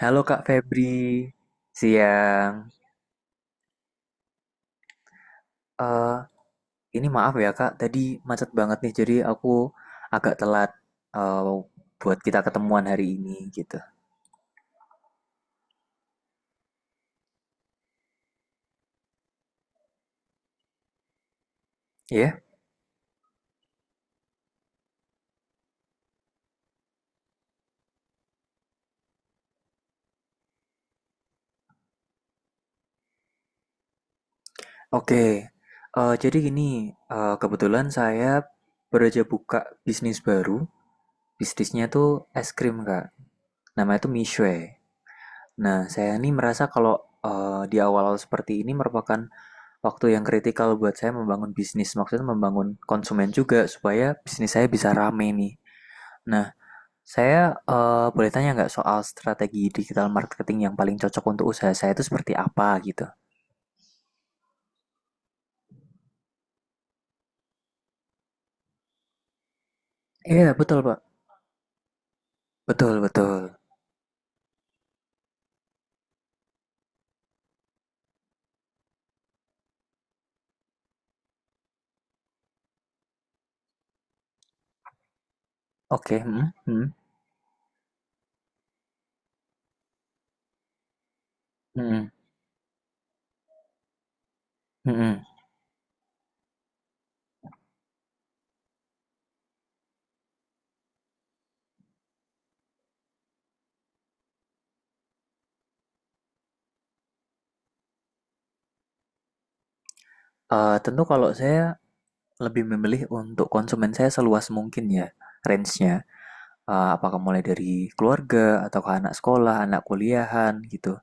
Halo Kak Febri, siang. Eh, ini maaf ya Kak, tadi macet banget nih, jadi aku agak telat eh, buat kita ketemuan hari ini gitu. Ya, oke. Jadi gini, kebetulan saya baru aja buka bisnis baru. Bisnisnya tuh es krim Kak. Namanya tuh Mishwe. Nah, saya ini merasa kalau di awal-awal seperti ini merupakan waktu yang kritikal buat saya membangun bisnis, maksudnya membangun konsumen juga supaya bisnis saya bisa rame nih. Nah, saya boleh tanya nggak soal strategi digital marketing yang paling cocok untuk usaha saya itu seperti apa gitu? Iya, yeah, betul, Pak. Betul, betul. Oke, hmm, hmm, hmm, hmm, hmm. Tentu kalau saya lebih memilih untuk konsumen saya seluas mungkin ya range-nya. Apakah mulai dari keluarga atau ke anak sekolah, anak kuliahan gitu.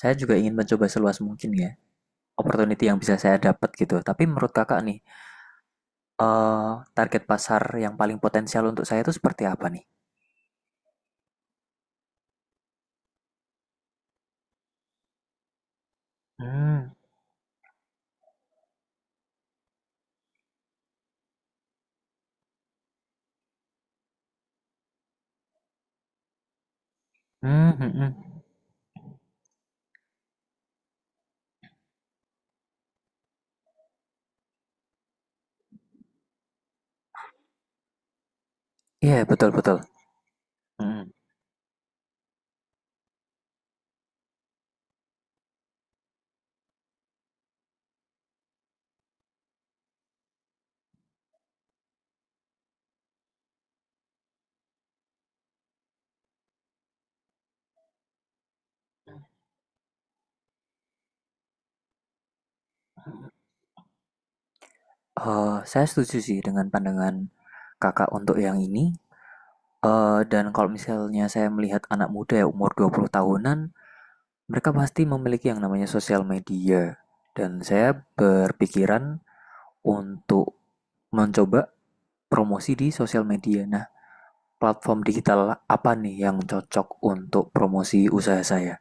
Saya juga ingin mencoba seluas mungkin ya opportunity yang bisa saya dapat gitu. Tapi menurut kakak nih, eh target pasar yang paling potensial untuk saya itu seperti apa nih? Hmm, hmm, hmm, hmm. Iya betul betul. Hmm. Saya setuju sih dengan pandangan kakak untuk yang ini. Eh, dan kalau misalnya saya melihat anak muda ya umur 20 tahunan, mereka pasti memiliki yang namanya sosial media. Dan saya berpikiran untuk mencoba promosi di sosial media. Nah, platform digital apa nih yang cocok untuk promosi usaha saya?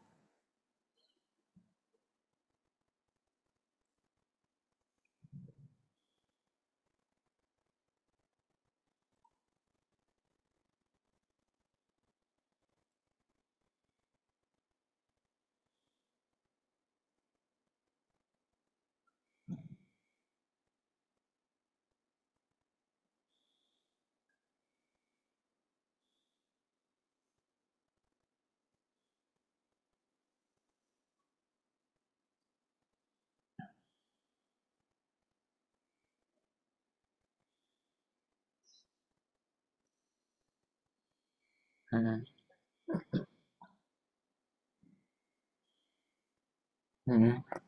Mm, mm.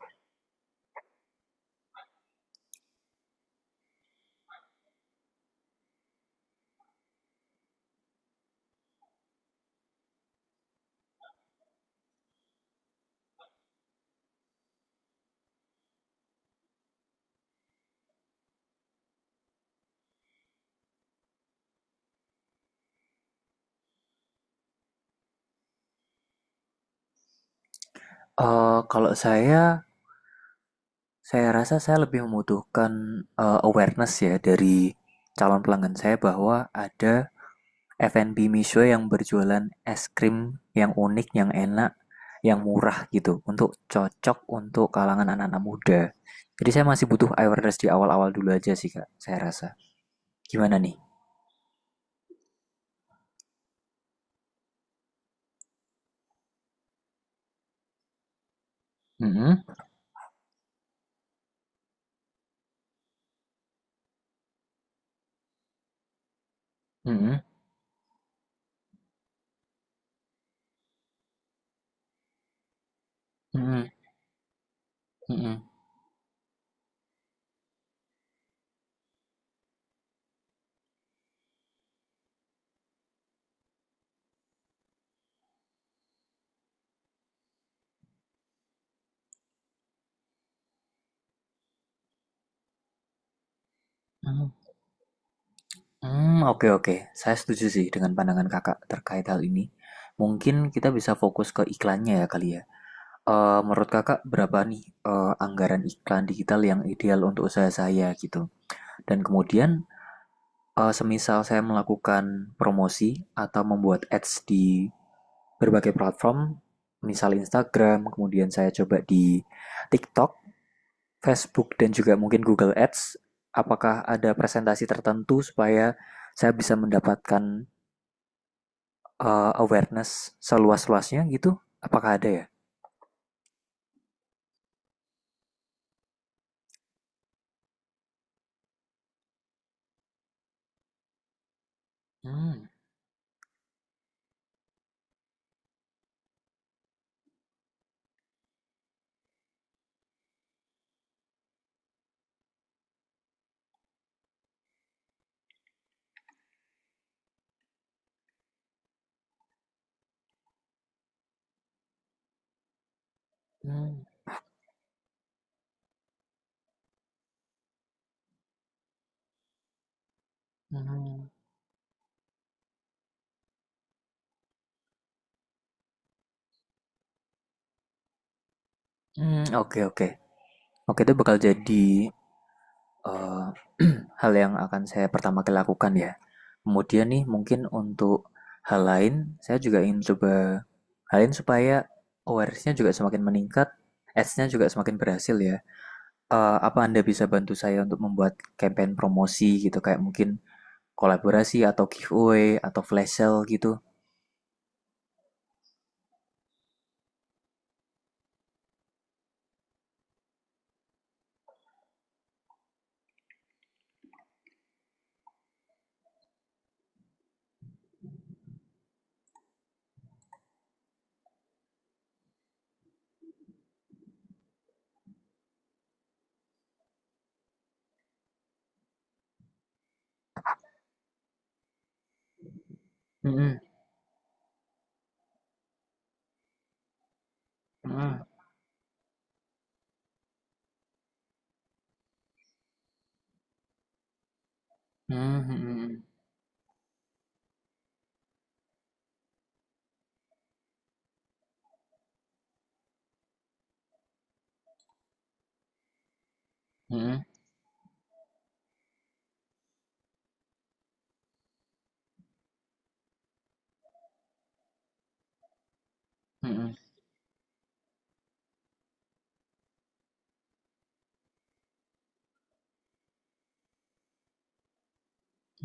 Kalau saya rasa saya lebih membutuhkan awareness ya dari calon pelanggan saya bahwa ada F&B Misho yang berjualan es krim yang unik, yang enak, yang murah gitu, untuk cocok untuk kalangan anak-anak muda. Jadi saya masih butuh awareness di awal-awal dulu aja sih kak, saya rasa. Gimana nih? Mm-mm, mm-mm, mm-mm, mm-mm. Hmm, oke oke. Saya setuju sih dengan pandangan Kakak terkait hal ini. Mungkin kita bisa fokus ke iklannya ya kali ya. Menurut Kakak berapa nih, anggaran iklan digital yang ideal untuk usaha saya gitu? Dan kemudian, semisal saya melakukan promosi atau membuat ads di berbagai platform, misal Instagram, kemudian saya coba di TikTok, Facebook, dan juga mungkin Google Ads, apakah ada presentasi tertentu supaya saya bisa mendapatkan awareness seluas-luasnya gitu? Apakah ada ya? Hmm, hmm, hmm. Mmm, oke oke. Oke, itu bakal jadi, eee, hal yang akan saya pertama kali lakukan ya. Kemudian nih mungkin untuk hal lain, saya juga ingin coba hal lain supaya awareness-nya juga semakin meningkat, ads-nya juga semakin berhasil ya. Eee, apa Anda bisa bantu saya untuk membuat campaign promosi gitu, kayak mungkin kolaborasi atau giveaway atau flash sale gitu? Mhm, mhm, hmm, hmm, hmm, mhm, mhm.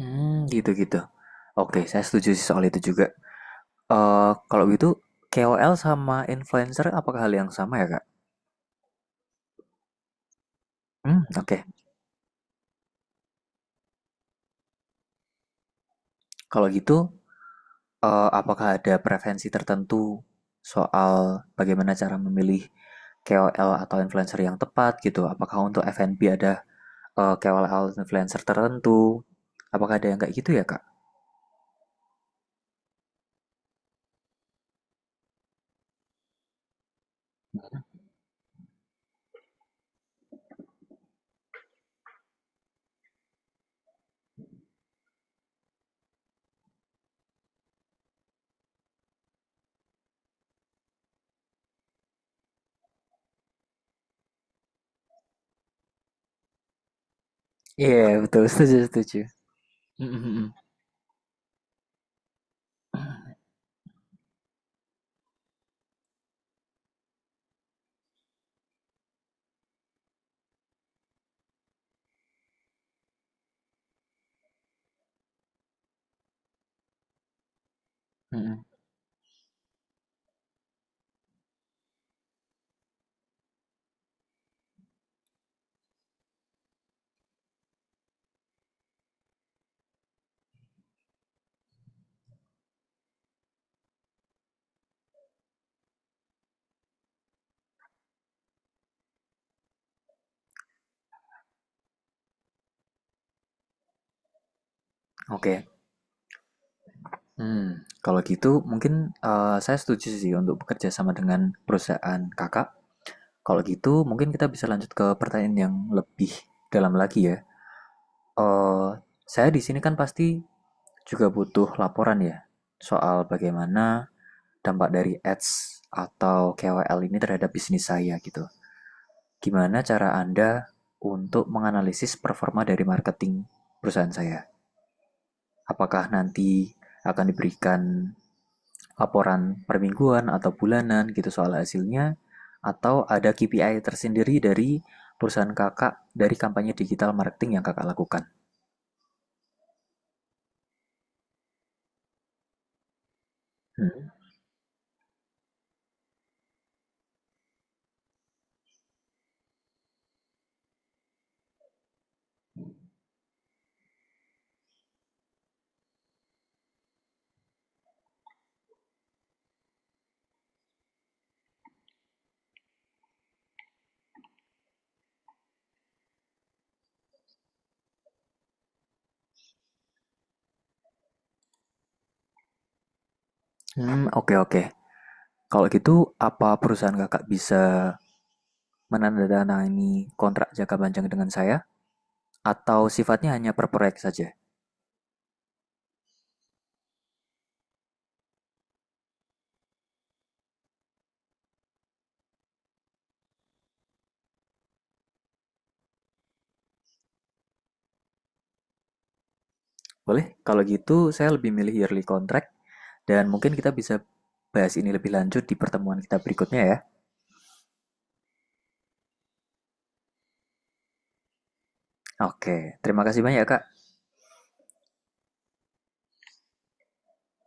Mmm, gitu gitu. Oke, saya setuju sih soal itu juga. Eee, kalau gitu KOL sama influencer apakah hal yang sama ya, Kak? Mmm, oke. Kalau gitu, apakah ada preferensi tertentu soal bagaimana cara memilih KOL atau influencer yang tepat gitu? Apakah untuk F&B ada, eee, atau influencer tertentu? Apakah ada yang kayak gitu ya, Kak? Iya, betul, setuju setuju. Mhm mhm. Mhm, oke. Hmm, kalau gitu mungkin saya setuju sih untuk bekerja sama dengan perusahaan kakak. Kalau gitu mungkin kita bisa lanjut ke pertanyaan yang lebih dalam lagi ya. Eh, saya di sini kan pasti juga butuh laporan ya soal bagaimana dampak dari ads atau KOL ini terhadap bisnis saya gitu. Gimana cara Anda untuk menganalisis performa dari marketing perusahaan saya? Apakah nanti akan diberikan laporan per mingguan atau bulanan gitu soal hasilnya atau ada KPI tersendiri dari perusahaan kakak dari kampanye digital marketing yang kakak lakukan. Hmm, hmm, oke oke. Kalau gitu, apa perusahaan kakak bisa menandatangani kontrak jangka panjang dengan saya? Atau sifatnya hanya per proyek saja? Boleh? Kalau gitu, saya lebih milih yearly contract dan mungkin kita bisa bahas ini lebih lanjut di pertemuan kita berikutnya ya. Oke, terima kasih banyak kak.